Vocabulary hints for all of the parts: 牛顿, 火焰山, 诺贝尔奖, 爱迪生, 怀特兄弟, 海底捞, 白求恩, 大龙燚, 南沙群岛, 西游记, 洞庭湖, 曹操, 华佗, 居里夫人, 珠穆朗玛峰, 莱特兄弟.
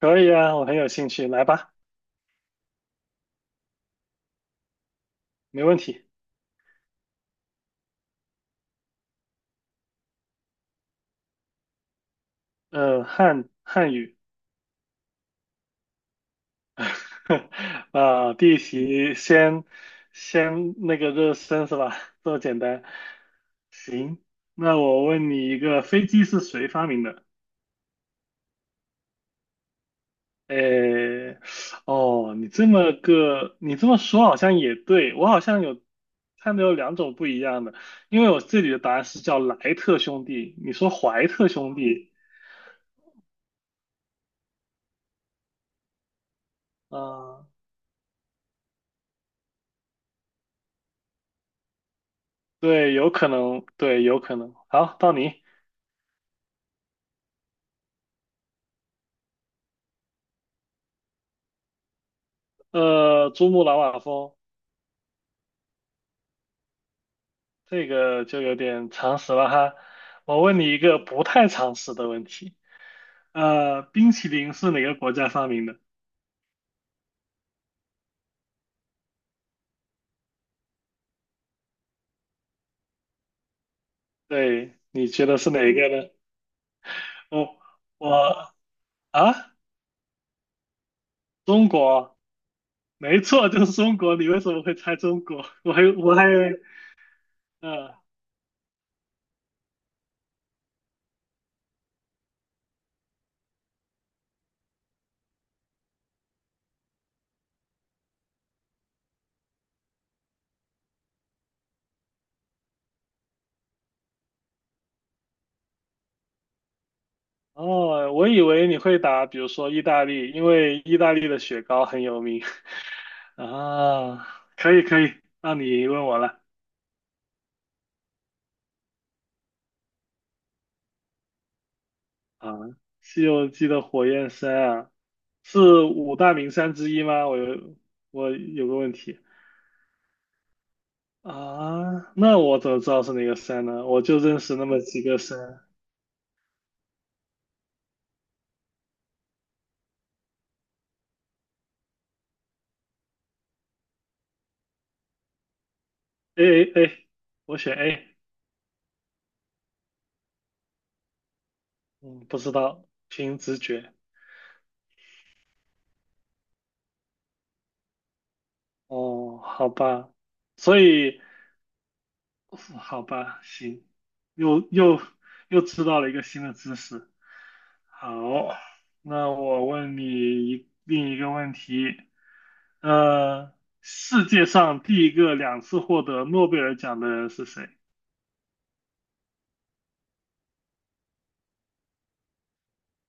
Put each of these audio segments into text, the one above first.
可以啊，我很有兴趣，来吧，没问题。汉语，第一题先那个热身是吧？这么简单。行，那我问你一个，飞机是谁发明的？诶，哦，你这么个，你这么说好像也对，我好像有看到有两种不一样的，因为我这里的答案是叫莱特兄弟，你说怀特兄弟，啊、对，有可能，对，有可能。好，到你。珠穆朗玛峰这个就有点常识了哈。我问你一个不太常识的问题。冰淇淋是哪个国家发明的？对，你觉得是哪一个呢？我我啊，中国，没错，就是中国。你为什么会猜中国？我还以为，嗯、哦，我以为你会答，比如说意大利，因为意大利的雪糕很有名。啊，可以，那你问我了啊，《西游记》的火焰山啊，是五大名山之一吗？我有个问题啊，那我怎么知道是哪个山呢？我就认识那么几个山，A，我选 A，嗯，不知道，凭直觉。哦，好吧，所以好吧，行，又又又知道了一个新的知识。好，那我问你另一个问题，呃，世界上第一个两次获得诺贝尔奖的人是谁？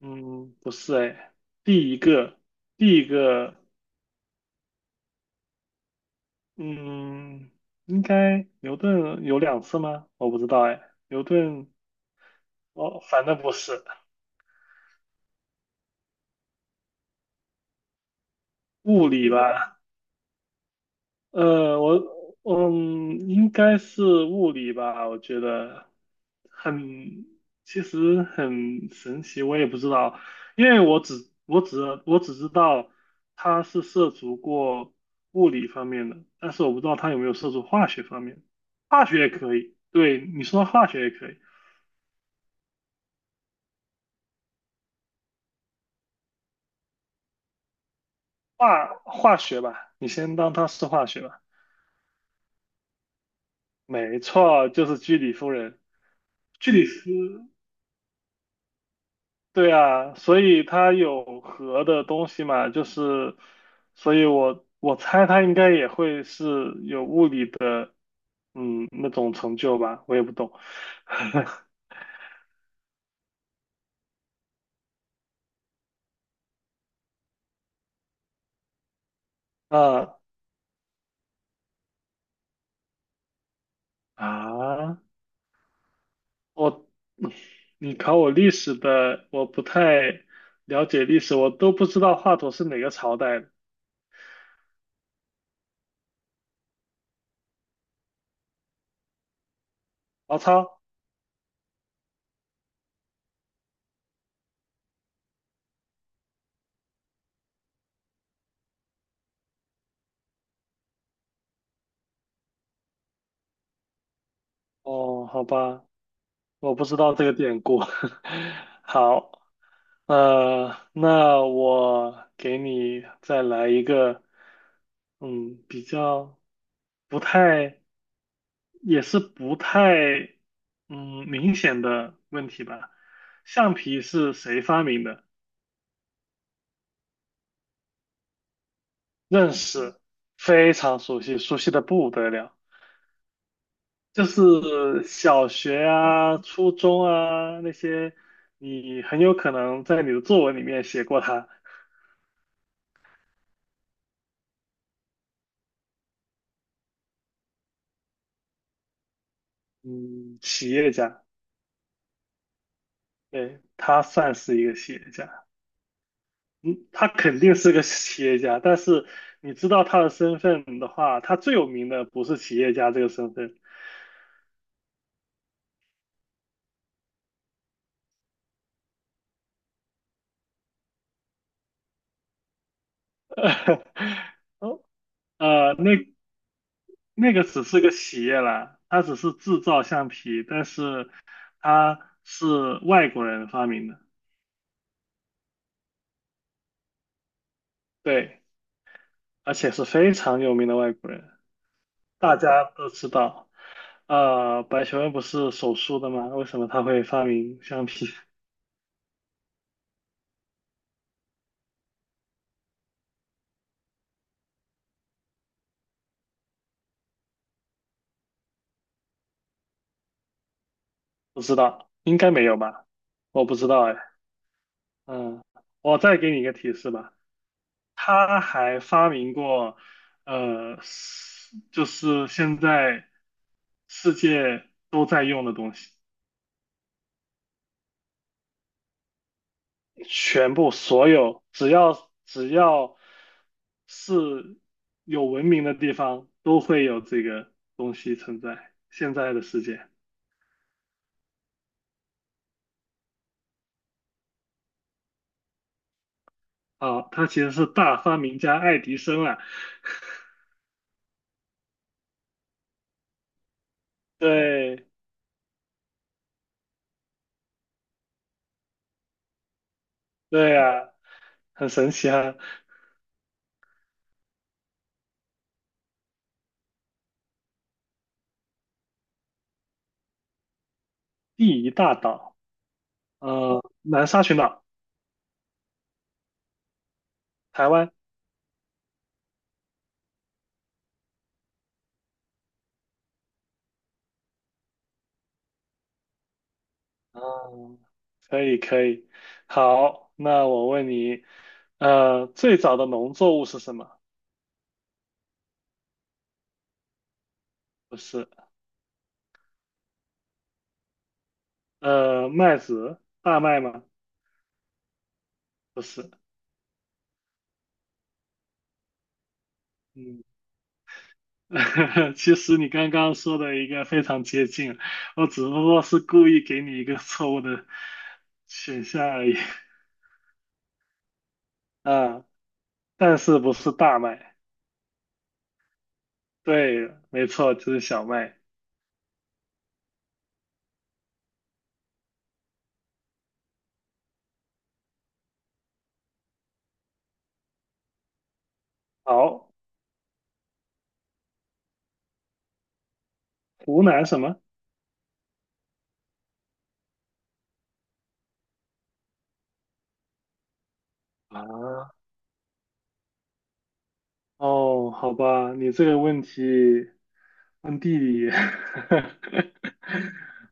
嗯，不是哎，第一个，第一个，嗯，应该牛顿有两次吗？我不知道哎，牛顿，哦，反正不是物理吧？我嗯，应该是物理吧，我觉得很，其实很神奇，我也不知道，因为我只知道他是涉足过物理方面的，但是我不知道他有没有涉足化学方面，化学也可以，对，你说化学也可以，化学吧，你先当他是化学吧，没错，就是居里夫人，居里夫。对啊，所以它有核的东西嘛，就是，所以我猜它应该也会是有物理的，嗯，那种成就吧，我也不懂。啊啊，我，你考我历史的，我不太了解历史，我都不知道华佗是哪个朝代的。曹操？哦，好吧，我不知道这个典故。好。那我给你再来一个，嗯，比较不太，也是不太，嗯，明显的问题吧。橡皮是谁发明的？认识，非常熟悉，熟悉的不得了。就是小学啊、初中啊那些，你很有可能在你的作文里面写过他。嗯，企业家，对，他算是一个企业家。嗯，他肯定是个企业家，但是你知道他的身份的话，他最有名的不是企业家这个身份，哦，那那个只是个企业啦，他只是制造橡皮，但是他是外国人发明的，对，而且是非常有名的外国人，大家都知道。白求恩不是手术的吗？为什么他会发明橡皮？不知道，应该没有吧？我不知道哎。嗯，我再给你一个提示吧，他还发明过，是就是现在世界都在用的东西，全部所有只要是有文明的地方，都会有这个东西存在。现在的世界，啊，他其实是大发明家爱迪生啊，对对啊，很神奇啊，第一大岛，南沙群岛。台湾。哦，可以，好，那我问你，最早的农作物是什么？不是，麦子，大麦吗？不是，嗯，其实你刚刚说的一个非常接近，我只不过是故意给你一个错误的选项而已，啊，但是不是大麦？对，没错，就是小麦。好，湖南什么？啊，哦，好吧，你这个问题。看地理，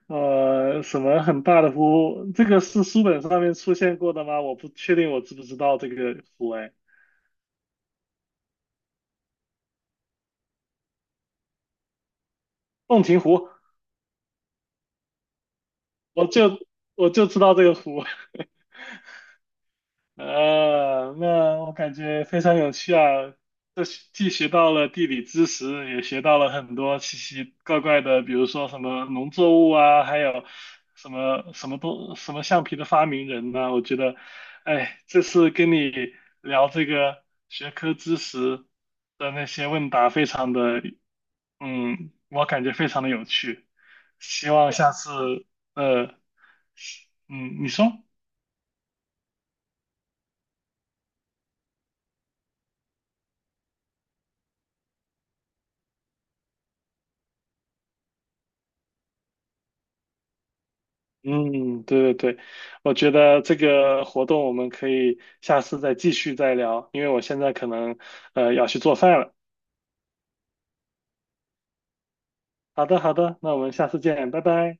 什么很大的湖？这个是书本上面出现过的吗？我不确定，我知不知道这个湖？哎，洞庭湖，我就我就知道这个湖。那我感觉非常有趣啊！这是既学到了地理知识，也学到了很多奇奇怪怪的，比如说什么农作物啊，还有什么橡皮的发明人呐、我觉得，哎，这次跟你聊这个学科知识的那些问答，非常的，嗯，我感觉非常的有趣。希望下次，呃，嗯，你说。嗯，对对对，我觉得这个活动我们可以下次再继续再聊，因为我现在可能要去做饭了。好的，好的，那我们下次见，拜拜。